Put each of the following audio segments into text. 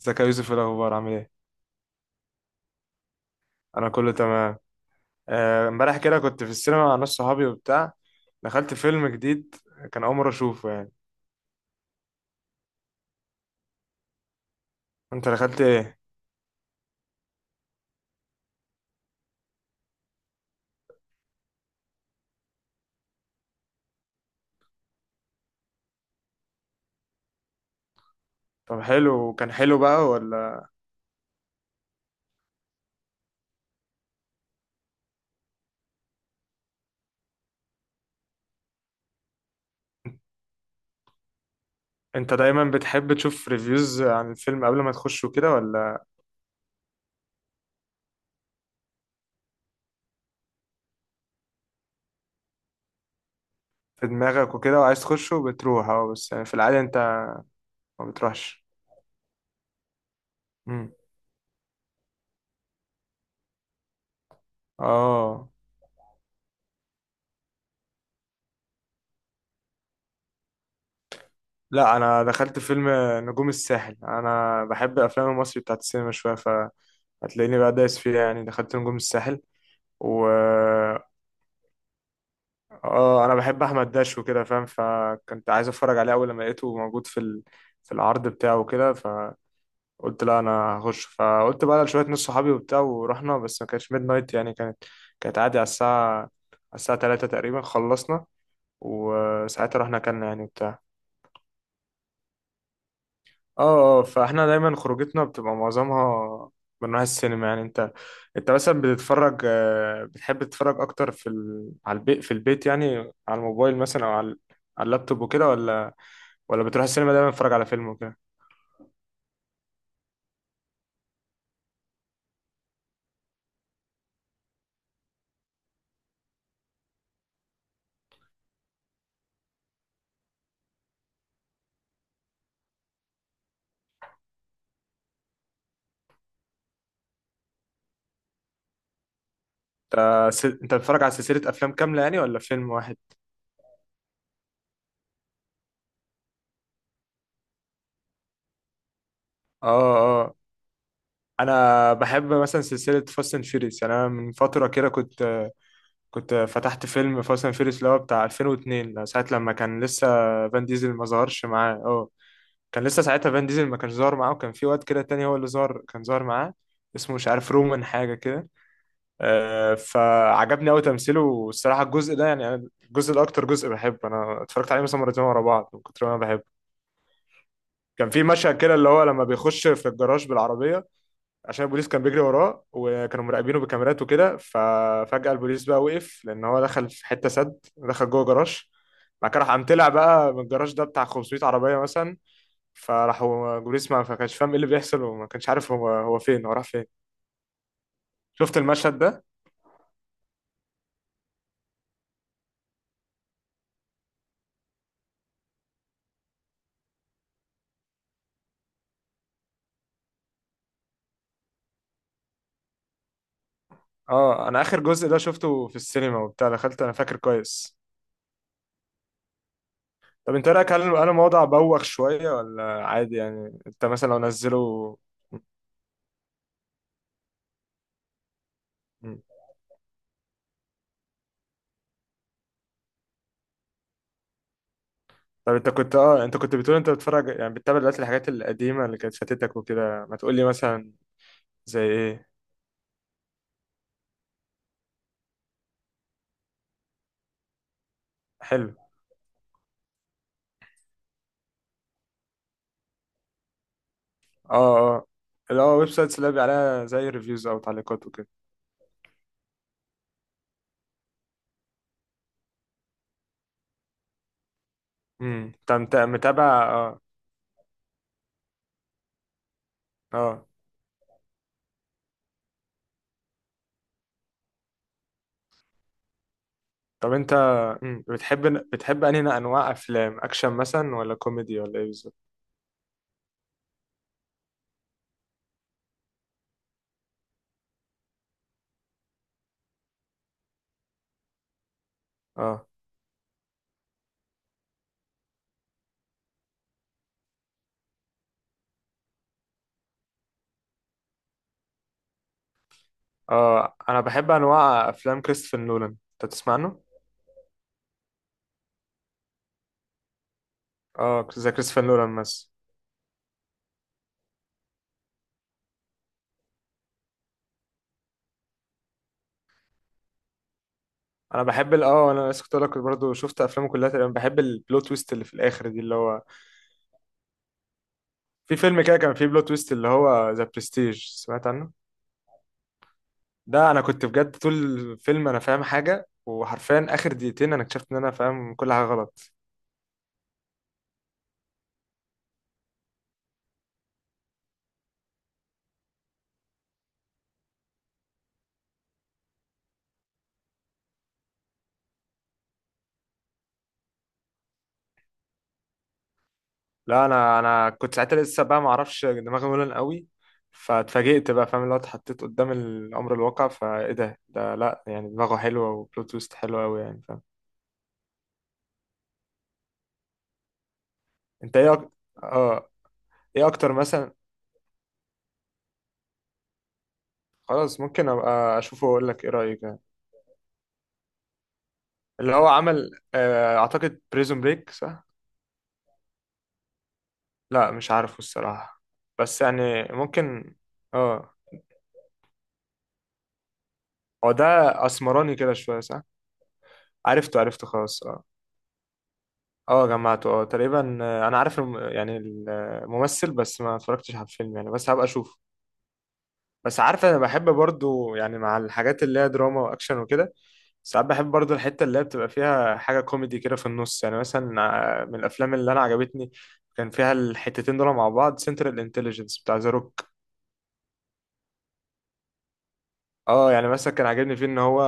ازيك يا يوسف؟ ايه الاخبار؟ عامل ايه؟ انا كله تمام. امبارح كده كنت في السينما مع ناس صحابي وبتاع. دخلت فيلم جديد، كان اول مره اشوفه يعني. انت دخلت ايه؟ طب حلو؟ كان حلو بقى ولا؟ انت دايما بتحب تشوف ريفيوز عن الفيلم قبل ما تخشه كده ولا؟ في دماغك وكده وعايز تخشه بتروح، اه بس يعني في العاده انت ما بتروحش؟ امم اه. لا، انا دخلت فيلم نجوم الساحل. انا بحب افلام المصري بتاعت السينما شويه، فهتلاقيني بقى دايس فيها يعني. دخلت نجوم الساحل و اه، انا بحب احمد داش وكده فاهم، فكنت عايز اتفرج عليه اول لما لقيته موجود في العرض بتاعه وكده. فقلت لا انا هخش، فقلت بقى لشويه ناس صحابي وبتاع ورحنا. بس ما كانتش ميد نايت يعني، كانت عادي على الساعه، على الساعه 3 تقريبا خلصنا، وساعتها رحنا اكلنا يعني وبتاع. اه اه، فاحنا دايما خروجتنا بتبقى معظمها من نوع السينما يعني. انت، انت مثلا بتتفرج بتحب تتفرج اكتر على البيت، في البيت يعني، على الموبايل مثلا، او على على اللابتوب وكده، ولا ولا بتروح السينما دايما تتفرج على فيلم وكده؟ انت انت بتتفرج على سلسلة افلام كاملة يعني، ولا فيلم واحد؟ اه اه. انا بحب مثلا سلسلة فاست اند فيريس يعني، انا من فترة كده كنت كنت فتحت فيلم فاست اند فيريس اللي هو بتاع 2002، ساعة لما كان لسه فان ديزل ما ظهرش معاه، اه، كان لسه ساعتها فان ديزل ما كانش ظاهر معاه، وكان في واد كده تاني هو اللي ظهر، كان ظاهر معاه، اسمه مش عارف رومان حاجة كده. فعجبني قوي تمثيله، والصراحة الجزء ده يعني، أنا الجزء ده أكتر جزء بحبه، أنا اتفرجت عليه مثلا مرتين ورا بعض من كتر ما أنا بحبه. كان في مشهد كده اللي هو لما بيخش في الجراج بالعربية، عشان البوليس كان بيجري وراه وكانوا مراقبينه بكاميرات وكده. ففجأة البوليس بقى وقف لأن هو دخل في حتة سد، دخل جوه جراج. بعد كده راح قام طلع بقى من الجراج ده بتاع 500 عربية مثلا، فراحوا جوريس، ما كانش فاهم ايه اللي بيحصل، وما كانش عارف هو فين، هو راح فين. شفت المشهد ده؟ اه، انا اخر جزء ده شفته في السينما وبتاع، دخلت انا فاكر كويس. طب انت رايك، هل انا موضع بوخ شويه ولا عادي يعني؟ انت مثلا لو نزله؟ مم. طب انت كنت، اه، انت كنت بتقول انت بتتفرج يعني بتتابع دلوقتي الحاجات القديمه اللي كانت فاتتك وكده، ما تقول لي مثلا زي ايه؟ حلو. اه اه. اللي هو ويب سايتس اللي بيبقى عليها زي ريفيوز او تعليقات وكده؟ امم. انت متابع؟ اه اه. طب انت، مم، بتحب انهي انواع افلام؟ اكشن مثلا، ولا كوميدي، ولا ايه بالظبط؟ اه اه. انا بحب انواع افلام كريستوفر نولان، انت تسمع عنه؟ اه، زي كريستوفر نولان مثلا. انا بحب اه، انا لسه كنت اقول لك برضه، شفت افلامه كلها تقريبا. بحب البلوت تويست اللي في الاخر دي اللي هو، في فيلم كده كان فيه بلوت تويست اللي هو ذا برستيج، سمعت عنه؟ ده انا كنت بجد طول الفيلم انا فاهم حاجه، وحرفيا اخر دقيقتين انا اكتشفت ان انا فاهم كل حاجه غلط. لا، انا كنت ساعتها لسه بقى ما اعرفش، دماغي ملن قوي. فاتفاجئت بقى فاهم، اللي هو اتحطيت قدام الامر الواقع. فايه ده؟ ده لا يعني دماغه حلوه، وبلوت تويست حلوه قوي يعني، فاهم. انت ايه اه، ايه اكتر مثلا؟ خلاص، ممكن ابقى اشوفه واقول لك ايه رايك يعني. اللي هو عمل، آه اعتقد بريزون بريك صح؟ لا مش عارفه الصراحه. بس يعني ممكن. اه. هو ده، اسمراني كده شويه صح؟ عرفته، عرفته خلاص. آه. اه جمعته، اه تقريبا. انا عارف يعني الممثل، بس ما اتفرجتش على الفيلم يعني، بس هبقى اشوفه. بس عارف انا بحب برضو يعني مع الحاجات اللي هي دراما واكشن وكده، ساعات بحب برضو الحتة اللي هي بتبقى فيها حاجة كوميدي كده في النص يعني. مثلا من الافلام اللي انا عجبتني كان فيها الحتتين دول مع بعض، سنترال انتليجنس بتاع ذا روك. اه يعني مثلا، كان عاجبني فيه ان هو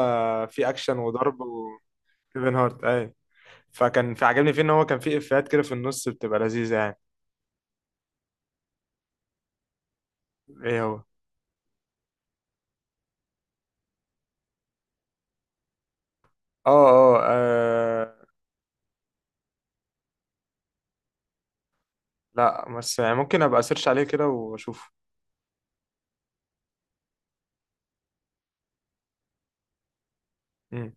في اكشن وضرب، وكيفن هارت. اي، فكان في عاجبني فيه ان هو كان في افيهات كده في النص بتبقى لذيذة يعني. ايه هو؟ اه اه لا بس يعني ممكن ابقى اسيرش عليه كده واشوفه. مم.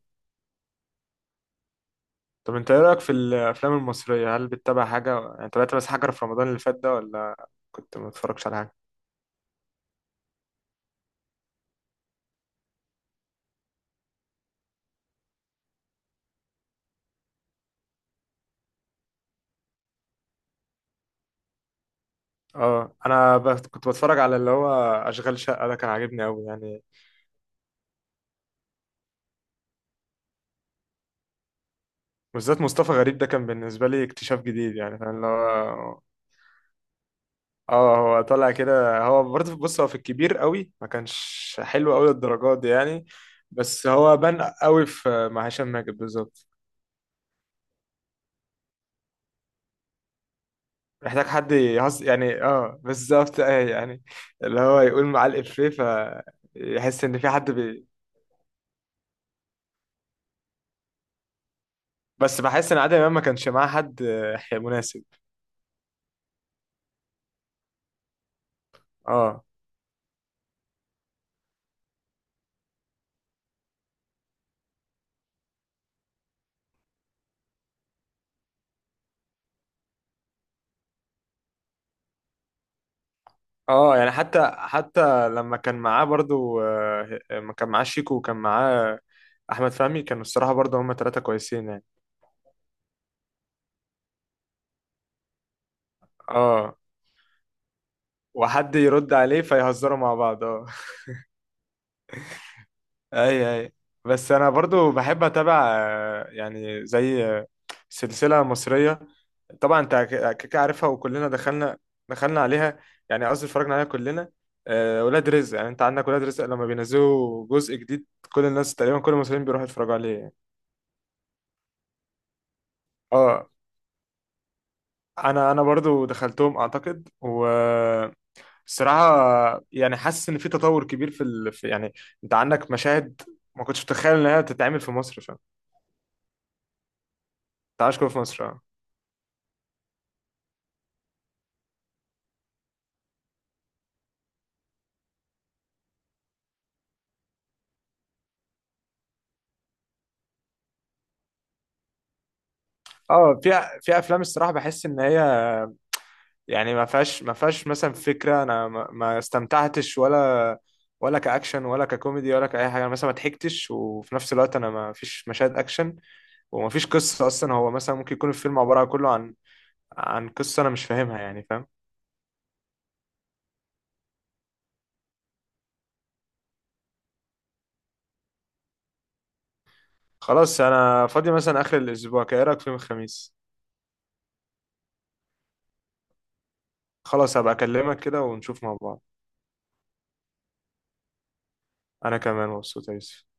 طب انت ايه رايك في الافلام المصريه؟ هل بتتابع حاجه يعني؟ تابعت بس حاجه في رمضان اللي فات ده، ولا كنت ما بتفرجش على حاجه؟ اه، انا بس كنت بتفرج على اللي هو اشغال شقه، ده كان عاجبني قوي يعني. بالذات مصطفى غريب، ده كان بالنسبه لي اكتشاف جديد يعني، فاهم اللي هو. اه، هو طالع كده هو برضه. بص، هو في الكبير قوي ما كانش حلو قوي للدرجات دي يعني، بس هو بان قوي في مع هشام ماجد بالظبط. محتاج حد يهص يعني، اه بالظبط، اه يعني اللي هو يقول معاه الإفيه فيحس إن في حد بس بحس إن عادل إمام ما كانش معاه حد مناسب. اه اه، يعني حتى، حتى لما كان معاه برضو ما كان معاه شيكو، وكان معاه أحمد فهمي، كانوا الصراحة برضو هما ثلاثة كويسين يعني. اه، وحد يرد عليه فيهزروا مع بعض، اه. اي اي. بس انا برضو بحب اتابع يعني زي سلسلة مصرية، طبعا انت كيكه عارفها وكلنا دخلنا، دخلنا عليها، يعني قصدي اتفرجنا عليها كلنا. ولاد رزق يعني، انت عندك ولاد رزق لما بينزلوا جزء جديد، كل الناس تقريبا، كل المصريين بيروحوا يتفرجوا عليه يعني. اه، انا برضو دخلتهم اعتقد، والصراحه يعني حاسس ان في تطور كبير في، في يعني، انت عندك مشاهد ما كنتش متخيل انها تتعمل في مصر، فاهم؟ انت عايش في مصر، اه. اه، في في افلام الصراحه بحس ان هي يعني ما فيهاش، ما فيهاش مثلا فكره، انا ما استمتعتش، ولا ولا كاكشن، ولا ككوميدي، ولا كاي حاجه. أنا مثلا ما ضحكتش، وفي نفس الوقت انا ما فيش مشاهد اكشن، وما فيش قصه اصلا. هو مثلا ممكن يكون الفيلم عباره كله عن، عن قصه انا مش فاهمها يعني، فاهم. خلاص، انا فاضي مثلا اخر الاسبوع، كايه رايك في يوم الخميس؟ خلاص، هبقى اكلمك كده ونشوف مع بعض. انا كمان مبسوط يا يوسف.